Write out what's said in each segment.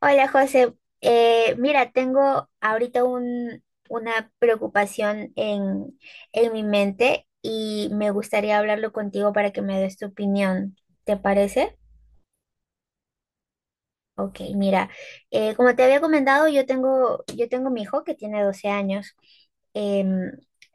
Hola José. Mira, tengo ahorita una preocupación en mi mente y me gustaría hablarlo contigo para que me des tu opinión. ¿Te parece? Ok, mira, como te había comentado, yo tengo mi hijo que tiene 12 años. Em,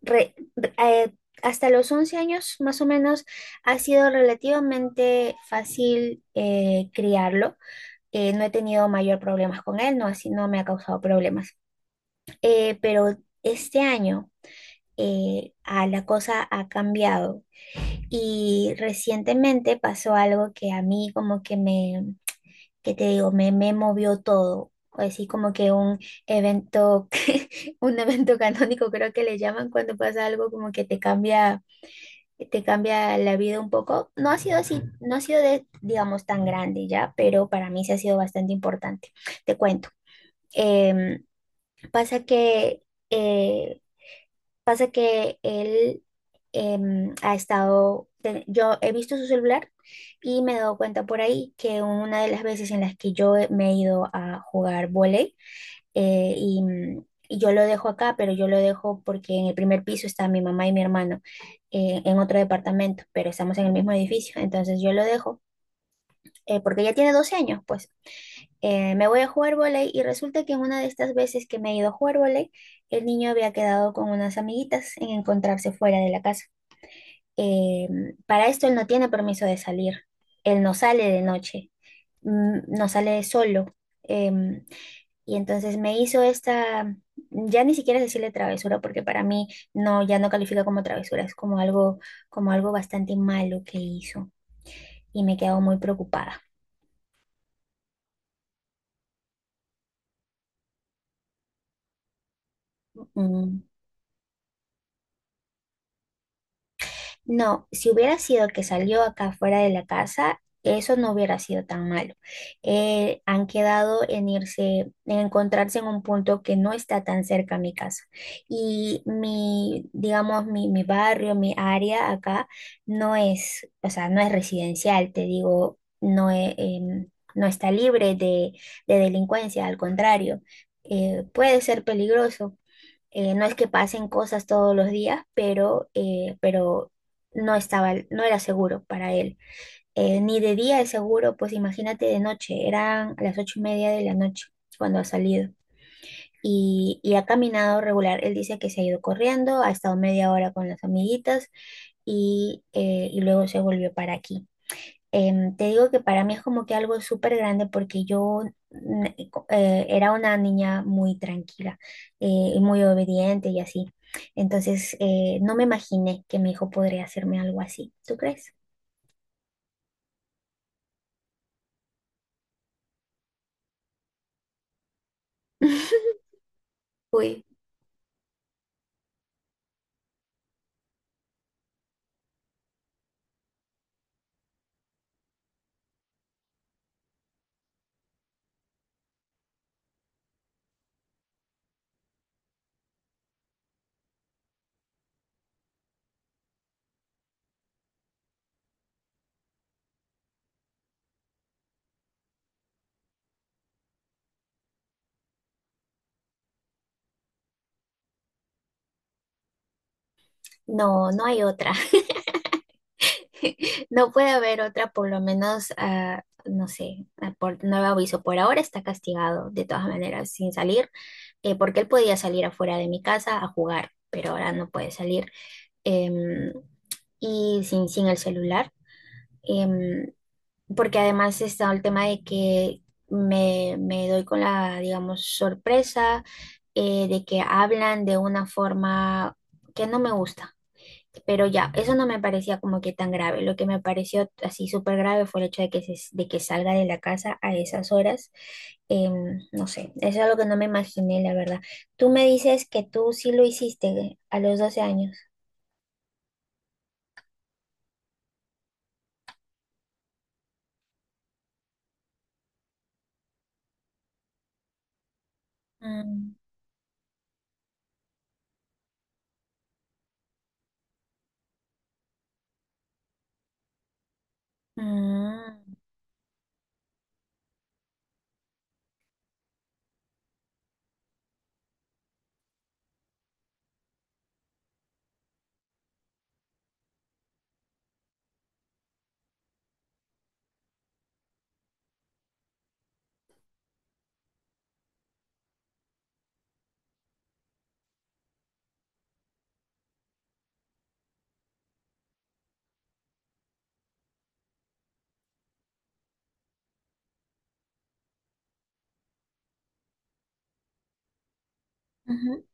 re- re- eh, Hasta los 11 años más o menos ha sido relativamente fácil, criarlo. No he tenido mayor problemas con él, no, así no me ha causado problemas. Pero este año la cosa ha cambiado y recientemente pasó algo que a mí como que que te digo, me movió todo. Así como que un evento, un evento canónico creo que le llaman cuando pasa algo como que te cambia la vida un poco. No ha sido así, no ha sido de, digamos, tan grande ya, pero para mí sí ha sido bastante importante. Te cuento. Em, pasa que eh, Pasa que él ha estado, yo he visto su celular y me he dado cuenta por ahí que una de las veces en las que me he ido a jugar vóley, y yo lo dejo acá, pero yo lo dejo porque en el primer piso está mi mamá y mi hermano, en otro departamento, pero estamos en el mismo edificio. Entonces yo lo dejo, porque ella tiene 12 años, pues. Me voy a jugar vóley y resulta que en una de estas veces que me he ido a jugar vóley, el niño había quedado con unas amiguitas en encontrarse fuera de la casa. Eh, para esto él no tiene permiso de salir, él no sale de noche, no sale solo. Em, y entonces me hizo esta, ya ni siquiera decirle travesura, porque para mí no, ya no califica como travesura, es como algo bastante malo que hizo, y me quedo muy preocupada. Mm. No, si hubiera sido que salió acá fuera de la casa, eso no hubiera sido tan malo. Han quedado en irse, en encontrarse en un punto que no está tan cerca a mi casa. Y mi, digamos, mi barrio, mi área acá no es, o sea, no es residencial, te digo, no, no está libre de delincuencia, al contrario, puede ser peligroso. No es que pasen cosas todos los días, pero no estaba, no era seguro para él. Ni de día es seguro, pues imagínate de noche, eran las 8:30 de la noche cuando ha salido. Y ha caminado regular. Él dice que se ha ido corriendo, ha estado media hora con las amiguitas y luego se volvió para aquí. Te digo que para mí es como que algo súper grande, porque yo, era una niña muy tranquila, eh, y muy obediente y así. Entonces, no me imaginé que mi hijo podría hacerme algo así. ¿Tú crees? Uy, no, no hay otra. No puede haber otra, por lo menos, no sé, por nuevo aviso. Por ahora está castigado, de todas maneras, sin salir, porque él podía salir afuera de mi casa a jugar, pero ahora no puede salir. em, y sin, el celular, em, porque además está el tema de que me doy con la, digamos, sorpresa, de que hablan de una forma que no me gusta, pero ya, eso no me parecía como que tan grave. Lo que me pareció así súper grave fue el hecho de que, de que salga de la casa a esas horas. No sé, eso es algo que no me imaginé, la verdad. Tú me dices que tú sí lo hiciste a los 12 años. Mm. Mm. Ujú.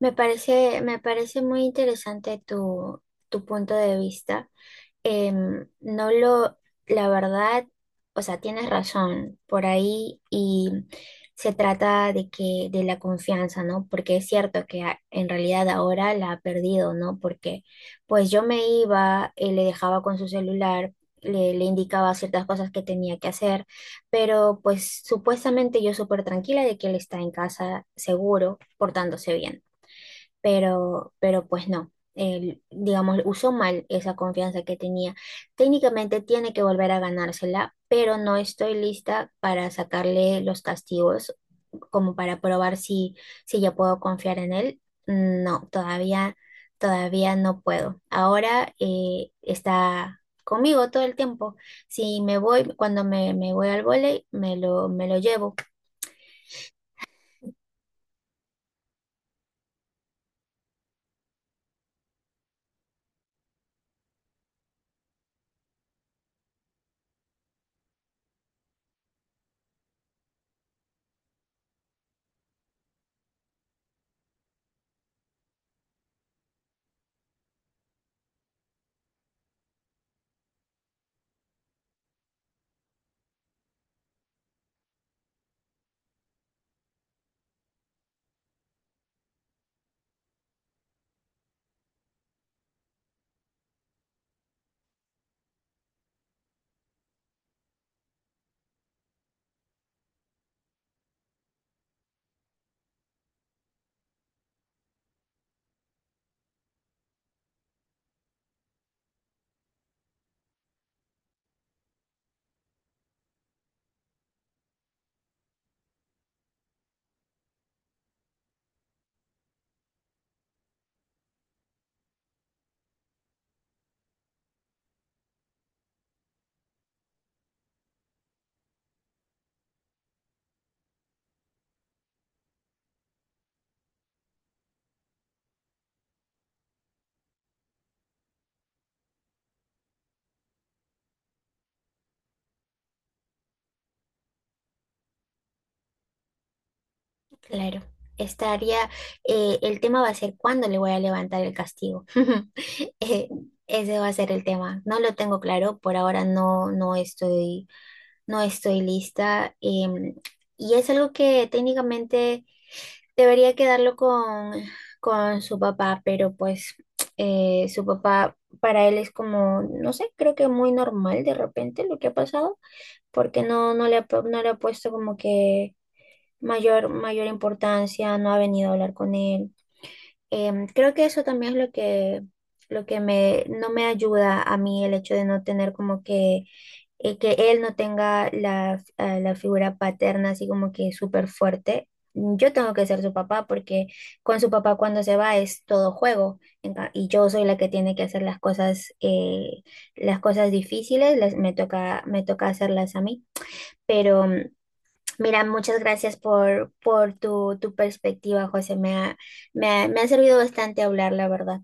Me parece muy interesante tu, tu punto de vista. Em, no lo, La verdad, o sea, tienes razón por ahí y se trata de que, de la confianza, ¿no? Porque es cierto que, en realidad ahora la ha perdido, ¿no? Porque pues yo me iba, le dejaba con su celular, le indicaba ciertas cosas que tenía que hacer, pero pues supuestamente yo súper tranquila de que él está en casa seguro, portándose bien, pero pues no, él, digamos, usó mal esa confianza que tenía. Técnicamente tiene que volver a ganársela, pero no estoy lista para sacarle los castigos como para probar si, ya puedo confiar en él. No, todavía, todavía no puedo. Ahora está conmigo todo el tiempo. Si me voy, cuando me voy al vóley, me lo llevo. Claro, estaría, el tema va a ser cuándo le voy a levantar el castigo. Eh, Ese va a ser el tema. No lo tengo claro, por ahora no estoy, lista. Y es algo que técnicamente debería quedarlo con su papá, pero pues, su papá para él es como, no sé, creo que muy normal de repente lo que ha pasado, porque no, no le ha puesto como que mayor importancia, no ha venido a hablar con él. Creo que eso también es lo que, no me ayuda a mí, el hecho de no tener como que él no tenga la figura paterna así como que súper fuerte. Yo tengo que ser su papá porque con su papá cuando se va es todo juego y yo soy la que tiene que hacer las cosas difíciles, me toca hacerlas a mí, pero... Mira, muchas gracias por tu, tu perspectiva, José. Me ha servido bastante hablar, la verdad.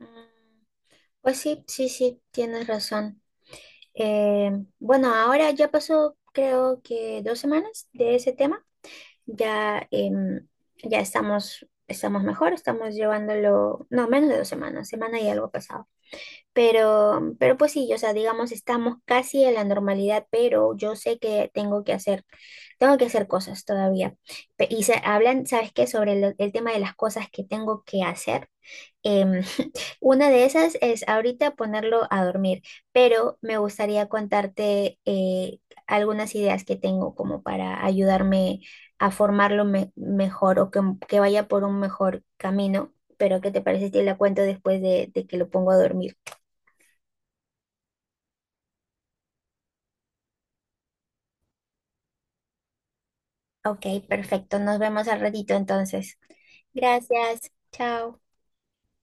Mm, Pues sí, sí, sí, tienes razón. Eh, bueno, ahora ya pasó creo que 2 semanas de ese tema. Ya, em, ya estamos, mejor, estamos llevándolo. No, menos de 2 semanas, semana y algo pasado. Pero pues sí, o sea, digamos, estamos casi en la normalidad, pero yo sé que tengo que hacer cosas todavía. Y se hablan, ¿sabes qué? Sobre el tema de las cosas que tengo que hacer. Em, una de esas es ahorita ponerlo a dormir, pero me gustaría contarte, algunas ideas que tengo como para ayudarme a formarlo mejor, o que vaya por un mejor camino. Pero ¿qué te parece si te la cuento después de que lo pongo a dormir? Ok, perfecto, nos vemos al ratito entonces. Gracias, chao.